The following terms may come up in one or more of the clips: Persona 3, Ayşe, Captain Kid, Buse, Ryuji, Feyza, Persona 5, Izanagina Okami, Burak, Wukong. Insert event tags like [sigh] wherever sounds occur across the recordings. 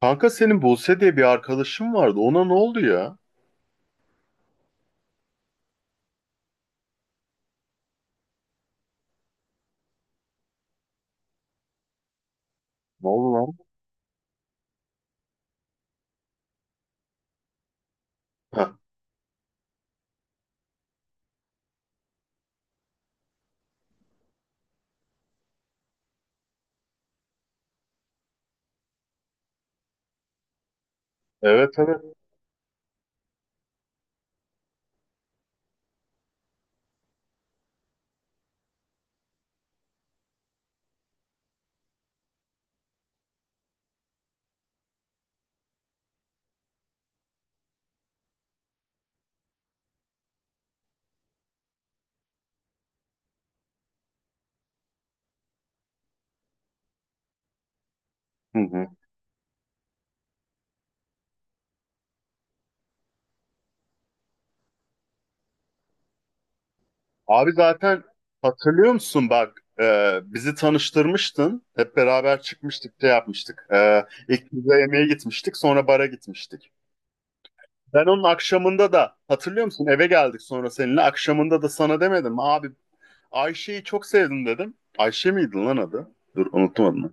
Kanka senin Buse diye bir arkadaşın vardı. Ona ne oldu ya? Ne oldu lan? Heh, evet evet. Hı hı. Abi zaten hatırlıyor musun bak, bizi tanıştırmıştın. Hep beraber çıkmıştık şey yapmıştık. E, ilk bize yemeğe gitmiştik sonra bara gitmiştik. Ben onun akşamında da hatırlıyor musun eve geldik sonra seninle akşamında da sana demedim mi? Abi, Ayşe'yi çok sevdim dedim. Ayşe miydi lan adı? Dur unuttum adını.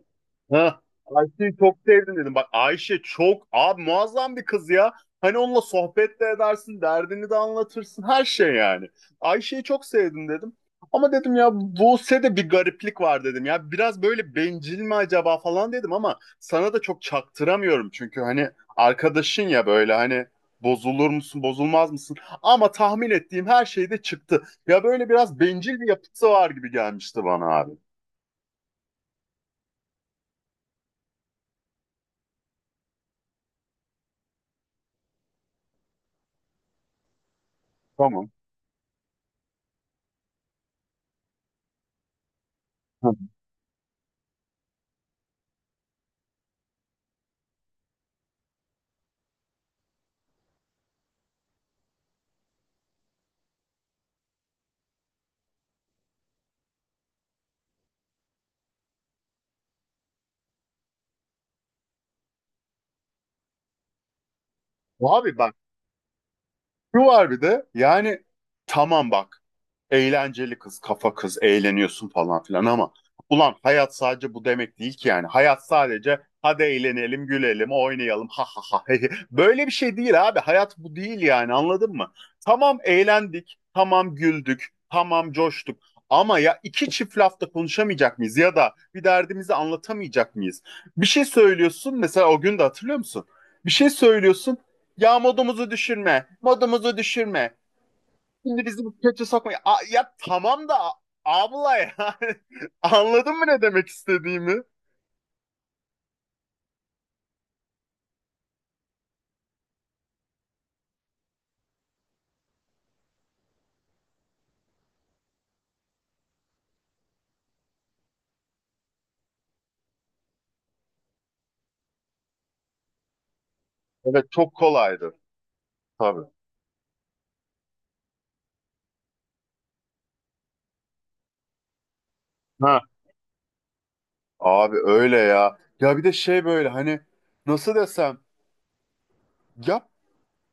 Ha, Ayşe'yi çok sevdim dedim. Bak, Ayşe çok abi muazzam bir kız ya. Hani onunla sohbet de edersin, derdini de anlatırsın, her şey yani. Ayşe'yi çok sevdim dedim. Ama dedim ya Buse'de bir gariplik var dedim ya. Biraz böyle bencil mi acaba falan dedim ama sana da çok çaktıramıyorum. Çünkü hani arkadaşın ya, böyle hani bozulur musun, bozulmaz mısın? Ama tahmin ettiğim her şey de çıktı. Ya böyle biraz bencil bir yapısı var gibi gelmişti bana abi. Tamam. Hı. Abi bak, şu var bir de yani, tamam bak, eğlenceli kız, kafa kız, eğleniyorsun falan filan ama ulan hayat sadece bu demek değil ki yani. Hayat sadece hadi eğlenelim, gülelim, oynayalım. Ha ha ha. He, he. Böyle bir şey değil abi. Hayat bu değil yani. Anladın mı? Tamam eğlendik, tamam güldük, tamam coştuk. Ama ya iki çift lafta konuşamayacak mıyız ya da bir derdimizi anlatamayacak mıyız? Bir şey söylüyorsun mesela, o gün de hatırlıyor musun? Bir şey söylüyorsun ya, modumuzu düşürme, modumuzu düşürme. Şimdi bizi bu kötü sokmayın. Ya tamam da abla ya. [laughs] Anladın mı ne demek istediğimi? Evet çok kolaydı. Tabii. Ha. Abi öyle ya. Ya bir de şey böyle hani, nasıl desem ya,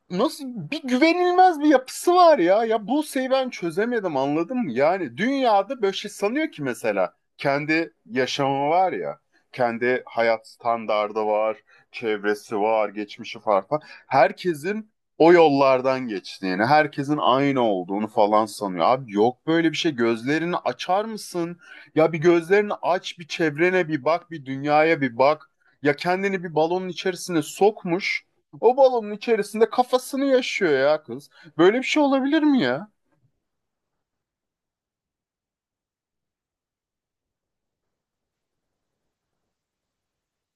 nasıl bir güvenilmez bir yapısı var ya. Ya Buse'yi ben çözemedim anladın mı? Yani dünyada böyle şey sanıyor ki, mesela kendi yaşamı var ya. Kendi hayat standardı var, çevresi var, geçmişi var falan. Herkesin o yollardan geçtiğini, herkesin aynı olduğunu falan sanıyor. Abi yok böyle bir şey. Gözlerini açar mısın? Ya bir gözlerini aç, bir çevrene bir bak, bir dünyaya bir bak. Ya kendini bir balonun içerisine sokmuş. O balonun içerisinde kafasını yaşıyor ya kız. Böyle bir şey olabilir mi ya?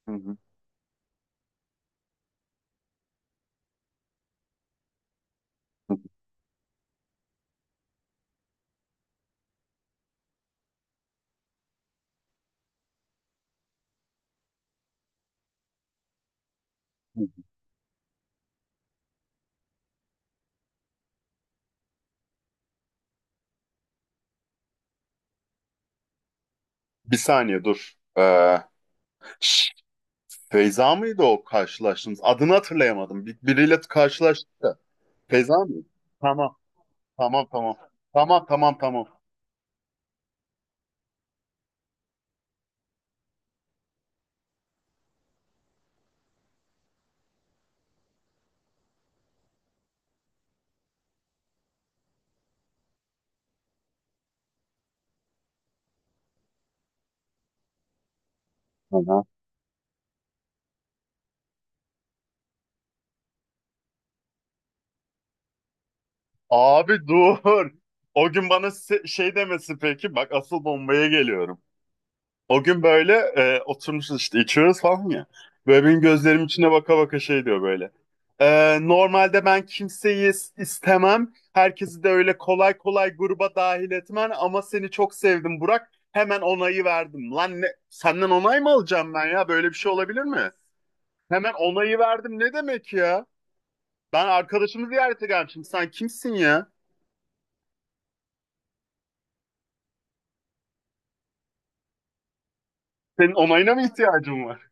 [laughs] Bir saniye dur. Şş, Feyza mıydı o karşılaştığımız? Adını hatırlayamadım. Biriyle karşılaştık da. Feyza mıydı? Tamam. Tamam tamam. Tamam tamam tamam. Aha. Abi dur. O gün bana şey demesi peki. Bak asıl bombaya geliyorum. O gün böyle, oturmuşuz işte içiyoruz falan ya. Böyle benim gözlerim içine baka baka şey diyor böyle. Normalde ben kimseyi istemem. Herkesi de öyle kolay kolay gruba dahil etmem. Ama seni çok sevdim Burak. Hemen onayı verdim. Lan ne, senden onay mı alacağım ben ya? Böyle bir şey olabilir mi? Hemen onayı verdim ne demek ya? Ben arkadaşımı ziyarete gelmişim. Sen kimsin ya? Senin onayına mı ihtiyacım var?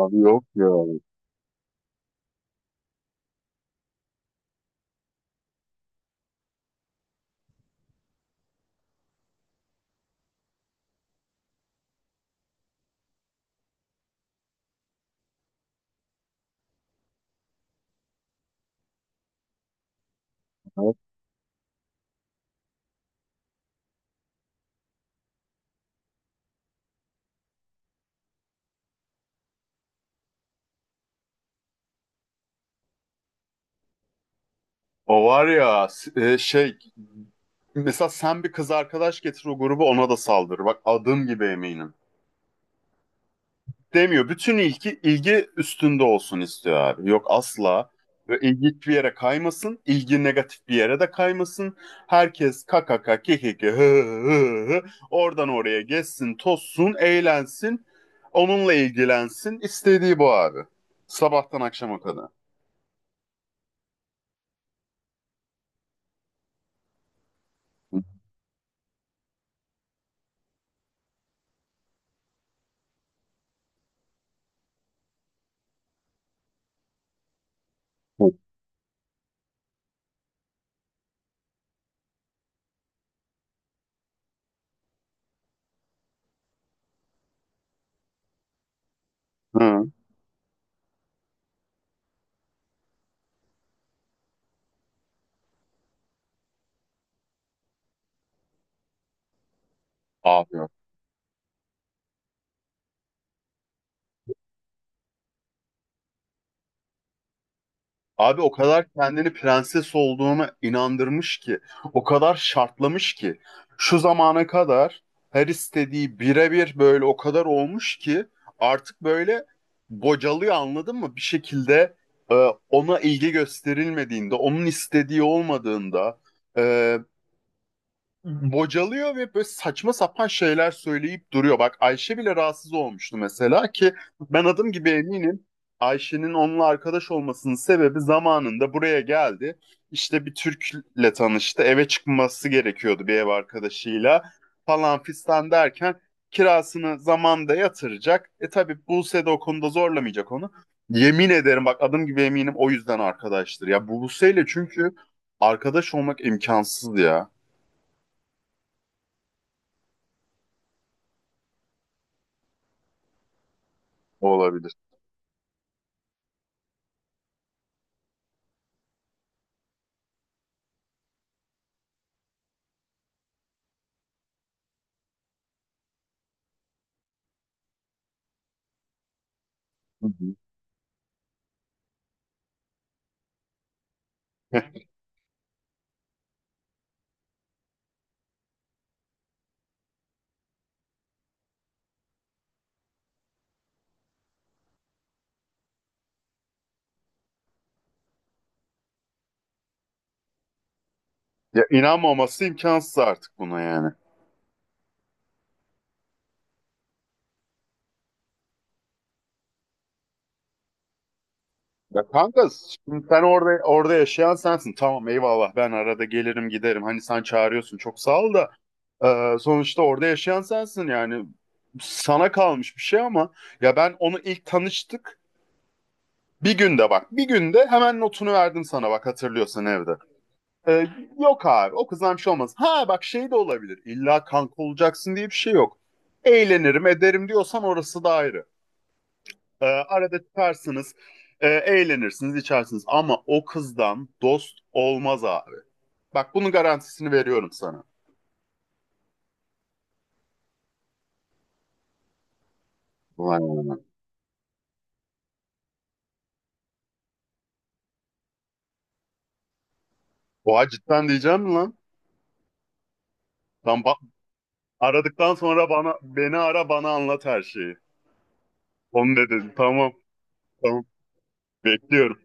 Abi yok ya. O var ya, şey mesela sen bir kız arkadaş getir, o grubu ona da saldır. Bak adım gibi eminim. Demiyor. Bütün ilgi ilgi üstünde olsun istiyor abi. Yok asla. Ve ilgi hiçbir yere kaymasın. İlgi negatif bir yere de kaymasın. Herkes kakaka kikiki hı hı hı. Oradan oraya geçsin, tozsun, eğlensin. Onunla ilgilensin. İstediği bu abi. Sabahtan akşama kadar. Hı. Abi Abi, o kadar kendini prenses olduğuna inandırmış ki, o kadar şartlamış ki, şu zamana kadar her istediği birebir böyle o kadar olmuş ki artık böyle bocalıyor anladın mı? Bir şekilde, e, ona ilgi gösterilmediğinde, onun istediği olmadığında, e, bocalıyor ve böyle saçma sapan şeyler söyleyip duruyor. Bak Ayşe bile rahatsız olmuştu mesela ki ben adım gibi eminim Ayşe'nin onunla arkadaş olmasının sebebi zamanında buraya geldi. İşte bir Türk'le tanıştı. Eve çıkması gerekiyordu bir ev arkadaşıyla falan fistan derken kirasını zamanda yatıracak. E tabii Buse de o konuda zorlamayacak onu. Yemin ederim bak adım gibi eminim o yüzden arkadaştır. Ya Buse'yle çünkü arkadaş olmak imkansız ya. O olabilir. Hı hı. [laughs] Ya inanmaması imkansız artık buna yani. Ya kanka, şimdi sen orada yaşayan sensin. Tamam eyvallah, ben arada gelirim giderim. Hani sen çağırıyorsun çok sağ ol da, sonuçta orada yaşayan sensin yani. Sana kalmış bir şey ama ya ben onu ilk tanıştık. Bir günde bak bir günde hemen notunu verdim sana bak, hatırlıyorsan evde. E, yok abi o kızdan bir şey olmaz. Ha bak, şey de olabilir. İlla kanka olacaksın diye bir şey yok. Eğlenirim ederim diyorsan orası da ayrı. Arada tutarsınız, eğlenirsiniz, içersiniz. Ama o kızdan dost olmaz abi. Bak bunun garantisini veriyorum sana. Vay anam. Oha cidden diyeceğim mi lan? Tam ba- aradıktan sonra bana, beni ara bana anlat her şeyi. Onu dedin. Tamam. Tamam. Bekliyorum.